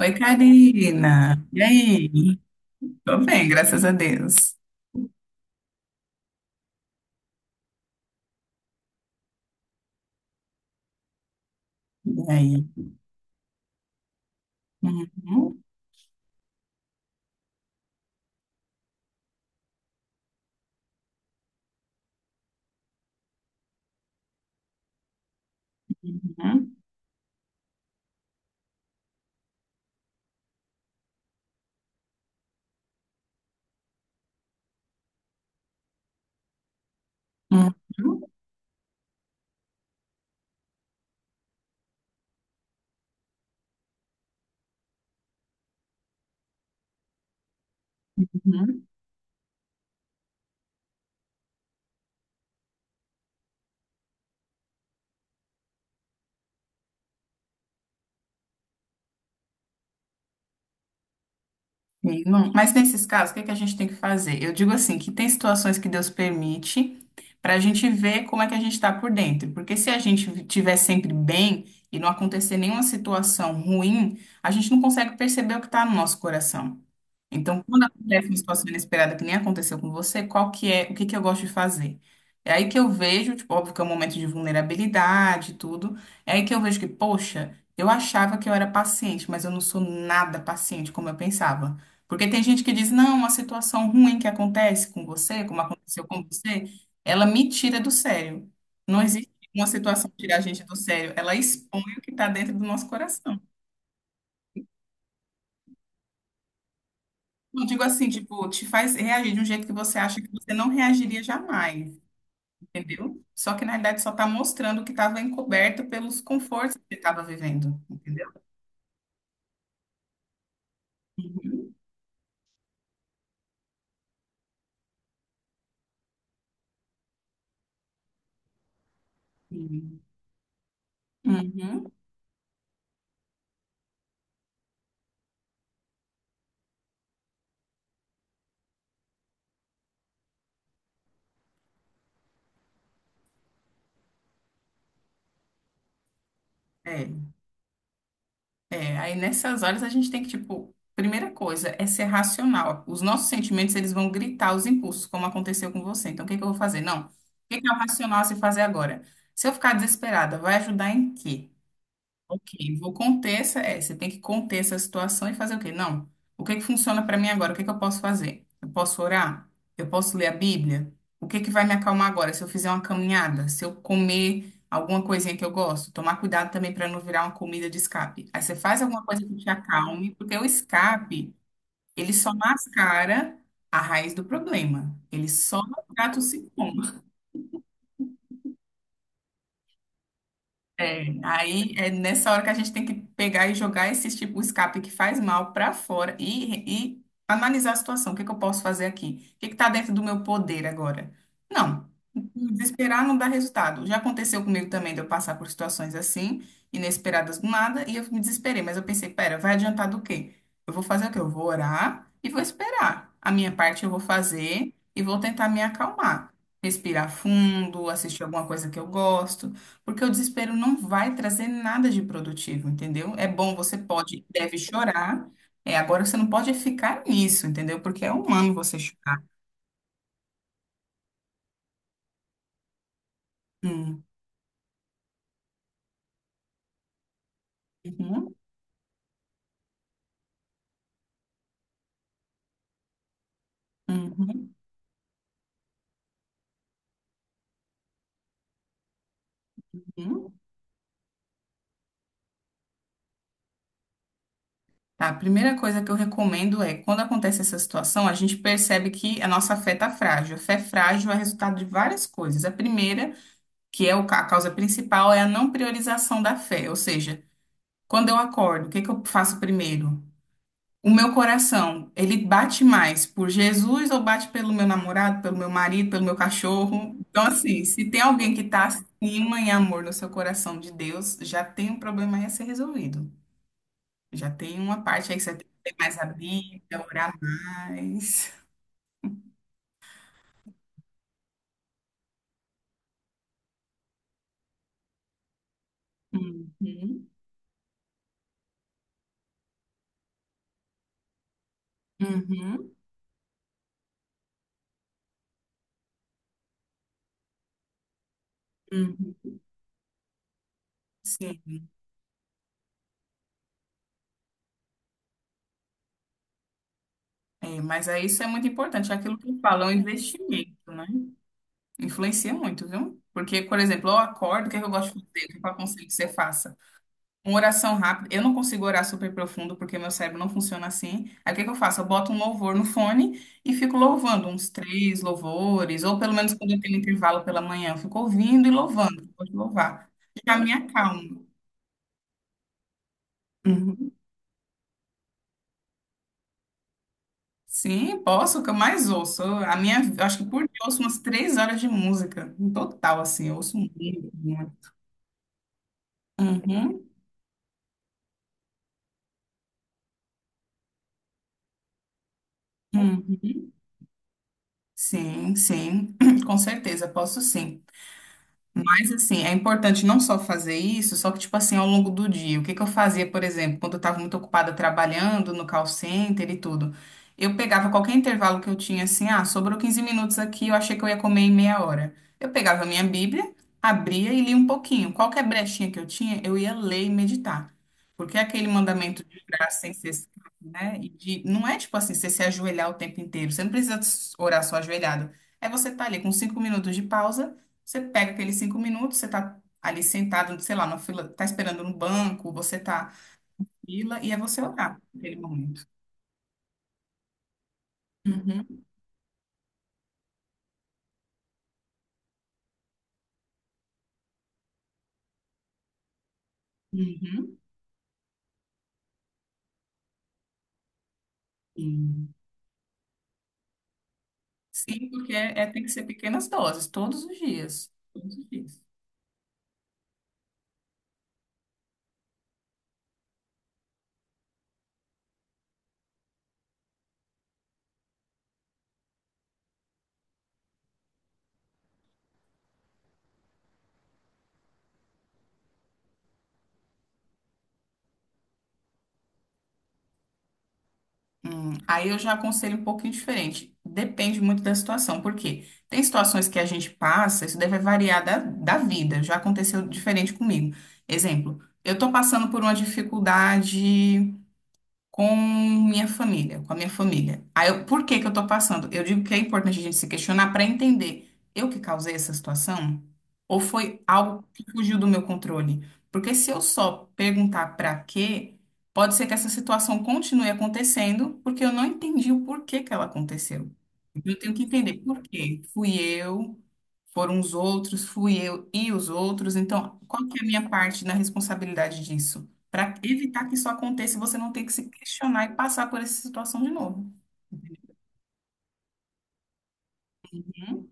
Oi, Karina. E aí? Tô bem, graças a Deus. E aí? Uhum, uhum, uhum, uhum. Sim, não. Mas nesses casos, o que que a gente tem que fazer? Eu digo assim, que tem situações que Deus permite para a gente ver como é que a gente está por dentro. Porque se a gente estiver sempre bem e não acontecer nenhuma situação ruim, a gente não consegue perceber o que está no nosso coração. Então, quando acontece uma situação inesperada que nem aconteceu com você, qual que é, o que que eu gosto de fazer? É aí que eu vejo, tipo, óbvio que é um momento de vulnerabilidade e tudo, é aí que eu vejo que, poxa, eu achava que eu era paciente, mas eu não sou nada paciente como eu pensava. Porque tem gente que diz, não, uma situação ruim que acontece com você, como aconteceu com você, ela me tira do sério. Não existe uma situação que tira a gente do sério, ela expõe o que está dentro do nosso coração. Não digo assim, tipo, te faz reagir de um jeito que você acha que você não reagiria jamais, entendeu? Só que na verdade só está mostrando o que estava encoberto pelos confortos que você estava vivendo, entendeu? Uhum. Uhum. Uhum. É. É, aí nessas horas a gente tem que, tipo, primeira coisa é ser racional. Os nossos sentimentos, eles vão gritar os impulsos, como aconteceu com você. Então, o que que eu vou fazer? Não. O que que é o racional a se fazer agora? Se eu ficar desesperada, vai ajudar em quê? Ok, vou conter essa. É, você tem que conter essa situação e fazer o quê? Não. O que que funciona para mim agora? O que que eu posso fazer? Eu posso orar? Eu posso ler a Bíblia? O que que vai me acalmar agora? Se eu fizer uma caminhada, se eu comer alguma coisinha que eu gosto, tomar cuidado também para não virar uma comida de escape. Aí você faz alguma coisa que te acalme, porque o escape, ele só mascara a raiz do problema. Ele só trata o sintoma. É, aí é nessa hora que a gente tem que pegar e jogar esse tipo, o escape que faz mal para fora e analisar a situação. O que que eu posso fazer aqui? O que está dentro do meu poder agora? Não, desesperar não dá resultado. Já aconteceu comigo também de eu passar por situações assim, inesperadas do nada, e eu me desesperei, mas eu pensei, pera, vai adiantar do quê? Eu vou fazer o quê? Eu vou orar e vou esperar. A minha parte eu vou fazer e vou tentar me acalmar. Respirar fundo, assistir alguma coisa que eu gosto porque o desespero não vai trazer nada de produtivo, entendeu? É bom, você pode, deve chorar. É, agora você não pode ficar nisso, entendeu? Porque é humano você chorar. Hum, uhum, uhum, uhum. Tá, a primeira coisa que eu recomendo é, quando acontece essa situação, a gente percebe que a nossa fé tá frágil. A fé frágil é resultado de várias coisas. A primeira, que é o a causa principal, é a não priorização da fé. Ou seja, quando eu acordo, o que que eu faço primeiro? O meu coração, ele bate mais por Jesus ou bate pelo meu namorado, pelo meu marido, pelo meu cachorro? Então, assim, se tem alguém que está acima em amor no seu coração de Deus, já tem um problema aí a ser resolvido. Já tem uma parte aí que você tem que ler mais a Bíblia, orar mais. Uhum, uhum, uhum. Sim. É, mas aí isso é muito importante. É aquilo que eu falo, é um investimento, né? Influencia muito, viu? Porque, por exemplo, eu acordo, o que é que eu gosto de fazer? O que eu aconselho que você faça? Uma oração rápida. Eu não consigo orar super profundo porque meu cérebro não funciona assim. Aí o que que eu faço? Eu boto um louvor no fone e fico louvando uns três louvores, ou pelo menos quando eu tenho intervalo pela manhã, eu fico ouvindo e louvando. Pode louvar. Já me acalmo. Uhum. Sim, posso, o que eu mais ouço. Eu acho que por dia eu ouço umas 3 horas de música, em total, assim, eu ouço muito, muito. Uhum, uhum. Sim, sim, com certeza, posso sim. Mas assim, é importante não só fazer isso, só que tipo assim, ao longo do dia, o que que eu fazia, por exemplo, quando eu estava muito ocupada trabalhando no call center e tudo, eu pegava qualquer intervalo que eu tinha assim, ah, sobrou 15 minutos aqui, eu achei que eu ia comer em meia hora. Eu pegava a minha Bíblia, abria e lia um pouquinho. Qualquer brechinha que eu tinha, eu ia ler e meditar. Porque é aquele mandamento de graça sem cessar, né? E de, não é tipo assim, você se ajoelhar o tempo inteiro. Você não precisa orar só ajoelhado. É você estar ali com 5 minutos de pausa você pega aqueles 5 minutos, você tá ali sentado, sei lá, na fila, tá esperando no banco, você tá na fila, e é você orar naquele momento. Uhum, uhum, sim. Sim, porque é, tem que ser pequenas doses, todos os dias. Todos os dias. Aí eu já aconselho um pouquinho diferente. Depende muito da situação, porque tem situações que a gente passa, isso deve variar da vida. Já aconteceu diferente comigo. Exemplo, eu tô passando por uma dificuldade. com com a minha família. Aí, por que que eu tô passando? Eu digo que é importante a gente se questionar para entender, eu que causei essa situação? Ou foi algo que fugiu do meu controle? Porque se eu só perguntar para quê, pode ser que essa situação continue acontecendo, porque eu não entendi o porquê que ela aconteceu. Então, eu tenho que entender por quê. Fui eu, foram os outros, fui eu e os outros. Então, qual que é a minha parte na responsabilidade disso? Para evitar que isso aconteça e você não ter que se questionar e passar por essa situação de novo. Uhum.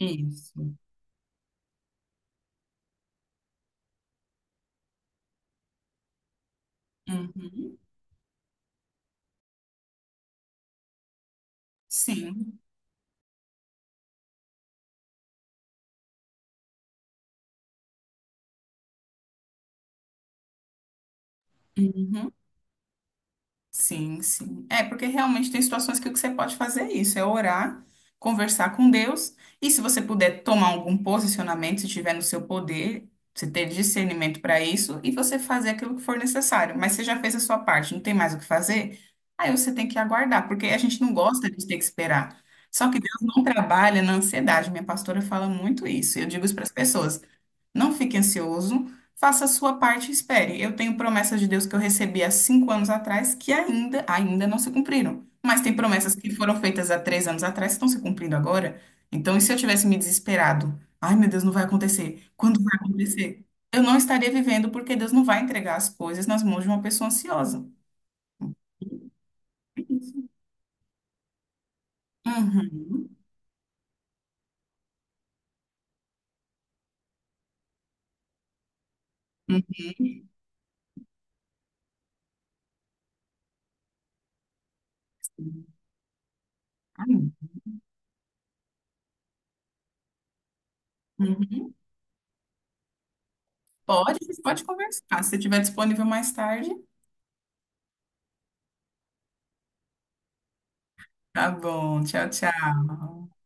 Isso. Uhum. Sim. Uhum. Sim, sim. É, porque realmente tem situações que o que você pode fazer é isso, é orar, conversar com Deus, e se você puder tomar algum posicionamento, se tiver no seu poder, você ter discernimento para isso, e você fazer aquilo que for necessário. Mas você já fez a sua parte, não tem mais o que fazer? Aí você tem que aguardar, porque a gente não gosta de ter que esperar. Só que Deus não trabalha na ansiedade. Minha pastora fala muito isso. Eu digo isso para as pessoas. Não fique ansioso. Faça a sua parte e espere. Eu tenho promessas de Deus que eu recebi há 5 anos atrás que ainda não se cumpriram. Mas tem promessas que foram feitas há 3 anos atrás que estão se cumprindo agora. Então, e se eu tivesse me desesperado? Ai, meu Deus, não vai acontecer. Quando vai acontecer? Eu não estaria vivendo porque Deus não vai entregar as coisas nas mãos de uma pessoa ansiosa. É isso. Uhum. Uhum. Ai, uhum. Pode, pode conversar. Se você estiver disponível mais tarde. Tá bom. Tchau, tchau.